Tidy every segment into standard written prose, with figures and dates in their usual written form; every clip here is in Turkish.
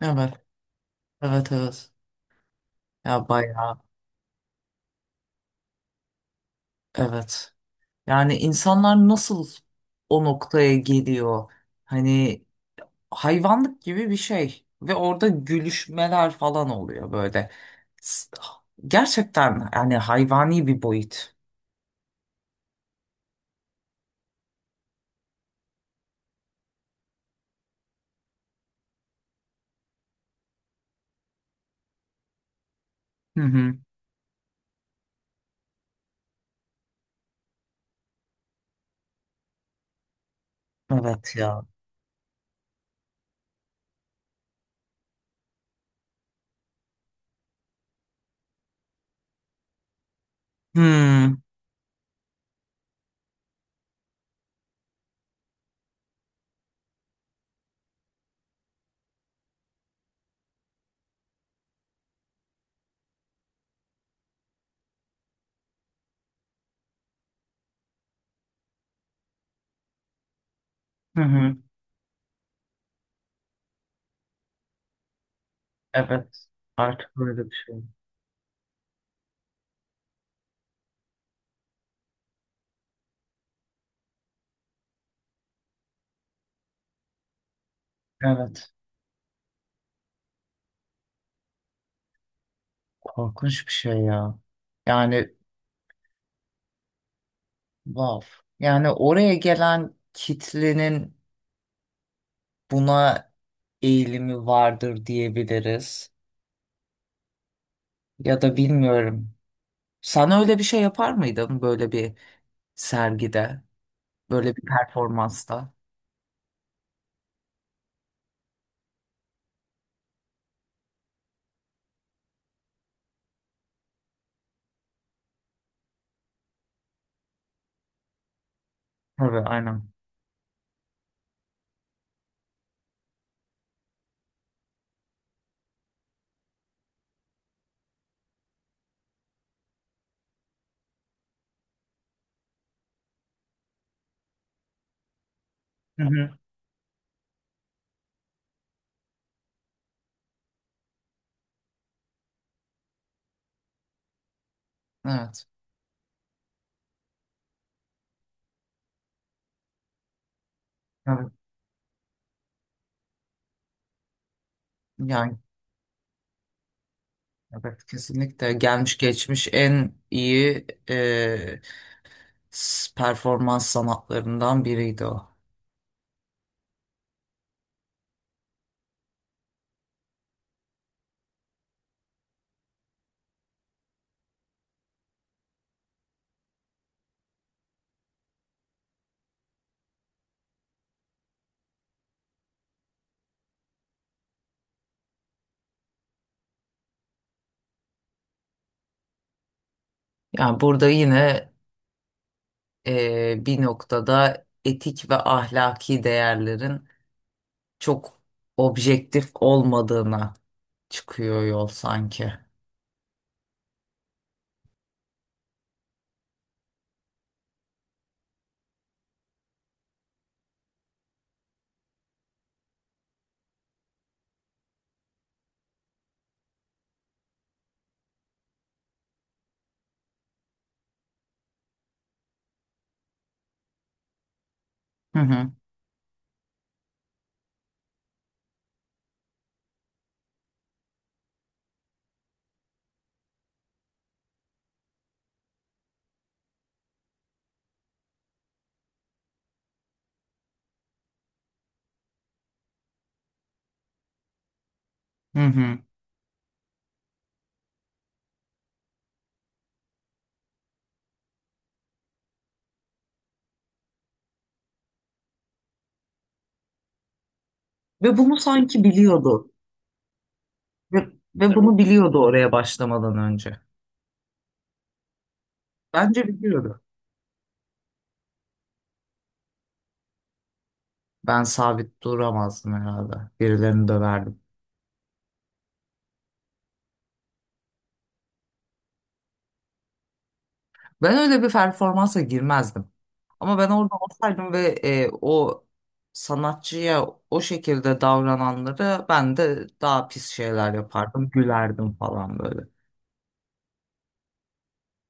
Evet, evet, evet. Ya bayağı, evet. Yani insanlar nasıl o noktaya geliyor? Hani hayvanlık gibi bir şey. Ve orada gülüşmeler falan oluyor böyle. S- Gerçekten yani hayvani bir boyut. Hı hı. Evet ya. Hı hı. Hı. Evet. Artık öyle bir şey. Evet. Korkunç bir şey ya. Yani wow. Yani oraya gelen kitlenin buna eğilimi vardır diyebiliriz. Ya da bilmiyorum. Sen öyle bir şey yapar mıydın böyle bir sergide, böyle bir performansta? Tabii, aynen. Hı hı. Evet. Tabii. Yani evet kesinlikle gelmiş geçmiş en iyi performans sanatlarından biriydi o. Yani burada yine bir noktada etik ve ahlaki değerlerin çok objektif olmadığına çıkıyor yol sanki. Hı hı. Hı hı. Ve bunu sanki biliyordu. Ve, ve bunu biliyordu oraya başlamadan önce. Bence biliyordu. Ben sabit duramazdım herhalde. Birilerini döverdim. Ben öyle bir performansa girmezdim. Ama ben orada olsaydım ve o sanatçıya o şekilde davrananlara ben de daha pis şeyler yapardım. Gülerdim falan böyle.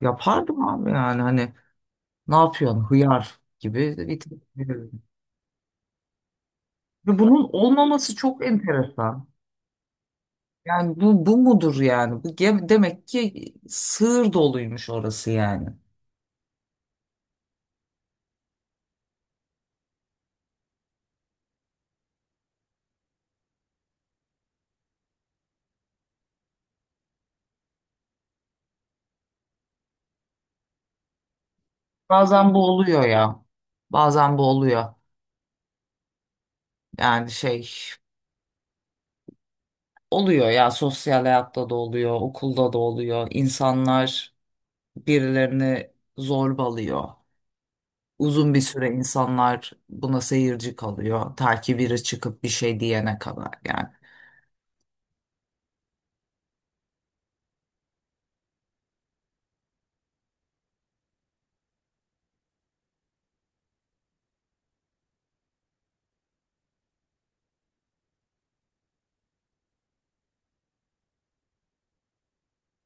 Yapardım abi yani hani ne yapıyorsun? Hıyar gibi bir tepki veriyor. Ve bunun olmaması çok enteresan. Yani bu mudur yani? Demek ki sığır doluymuş orası yani. Bazen bu oluyor ya. Bazen bu oluyor. Yani şey oluyor ya, sosyal hayatta da oluyor, okulda da oluyor. İnsanlar birilerini zorbalıyor. Uzun bir süre insanlar buna seyirci kalıyor. Ta ki biri çıkıp bir şey diyene kadar yani.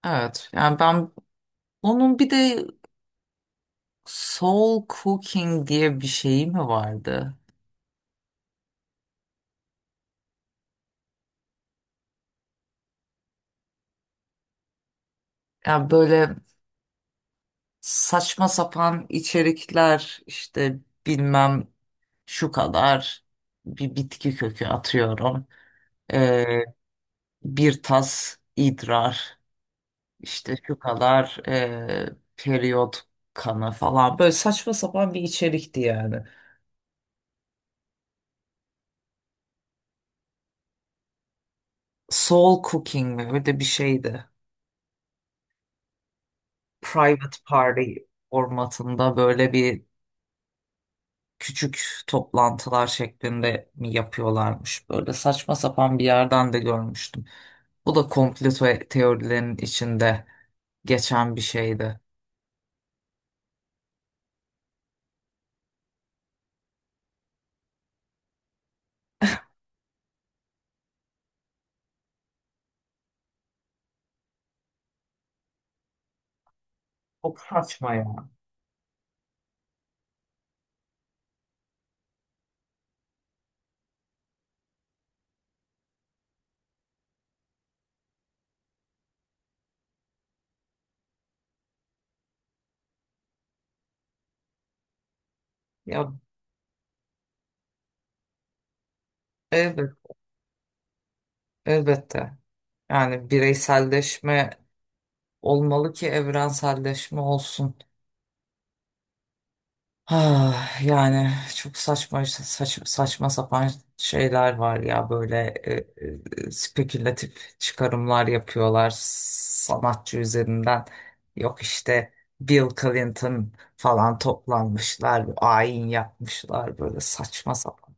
Evet yani ben onun bir de soul cooking diye bir şeyi mi vardı? Yani böyle saçma sapan içerikler işte, bilmem şu kadar bir bitki kökü atıyorum. Ee, Bir tas idrar, işte şu kadar periyot kanı falan, böyle saçma sapan bir içerikti yani. Soul Cooking mi öyle bir şeydi. Private Party formatında böyle bir küçük toplantılar şeklinde mi yapıyorlarmış? Böyle saçma sapan bir yerden de görmüştüm. Bu da teorilerinin içinde geçen bir şeydi. Çok saçma ya. Ya elbet, elbette. Yani bireyselleşme olmalı ki evrenselleşme olsun. Ah, yani çok saçma sapan şeyler var ya böyle e, e, spekülatif çıkarımlar yapıyorlar sanatçı üzerinden. Yok işte Bill Clinton falan toplanmışlar, ayin yapmışlar böyle saçma sapan.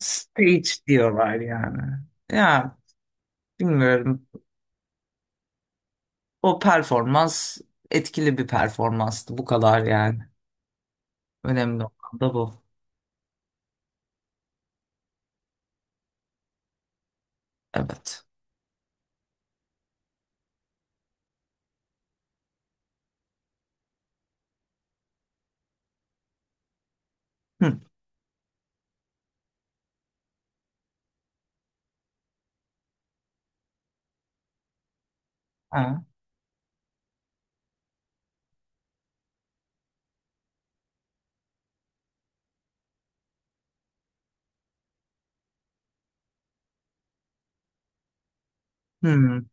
Stage diyorlar yani. Ya bilmiyorum. O performans etkili bir performanstı bu kadar yani. Önemli olan da bu. Evet. Hı. Ha. Hı.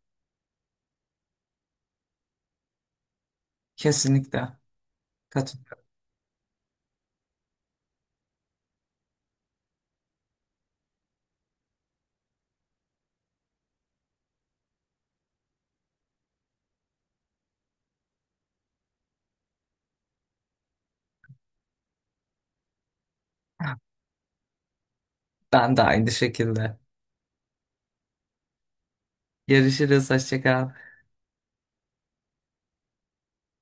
Kesinlikle. Katıl. Ben de aynı şekilde. Görüşürüz. Hoşça kal.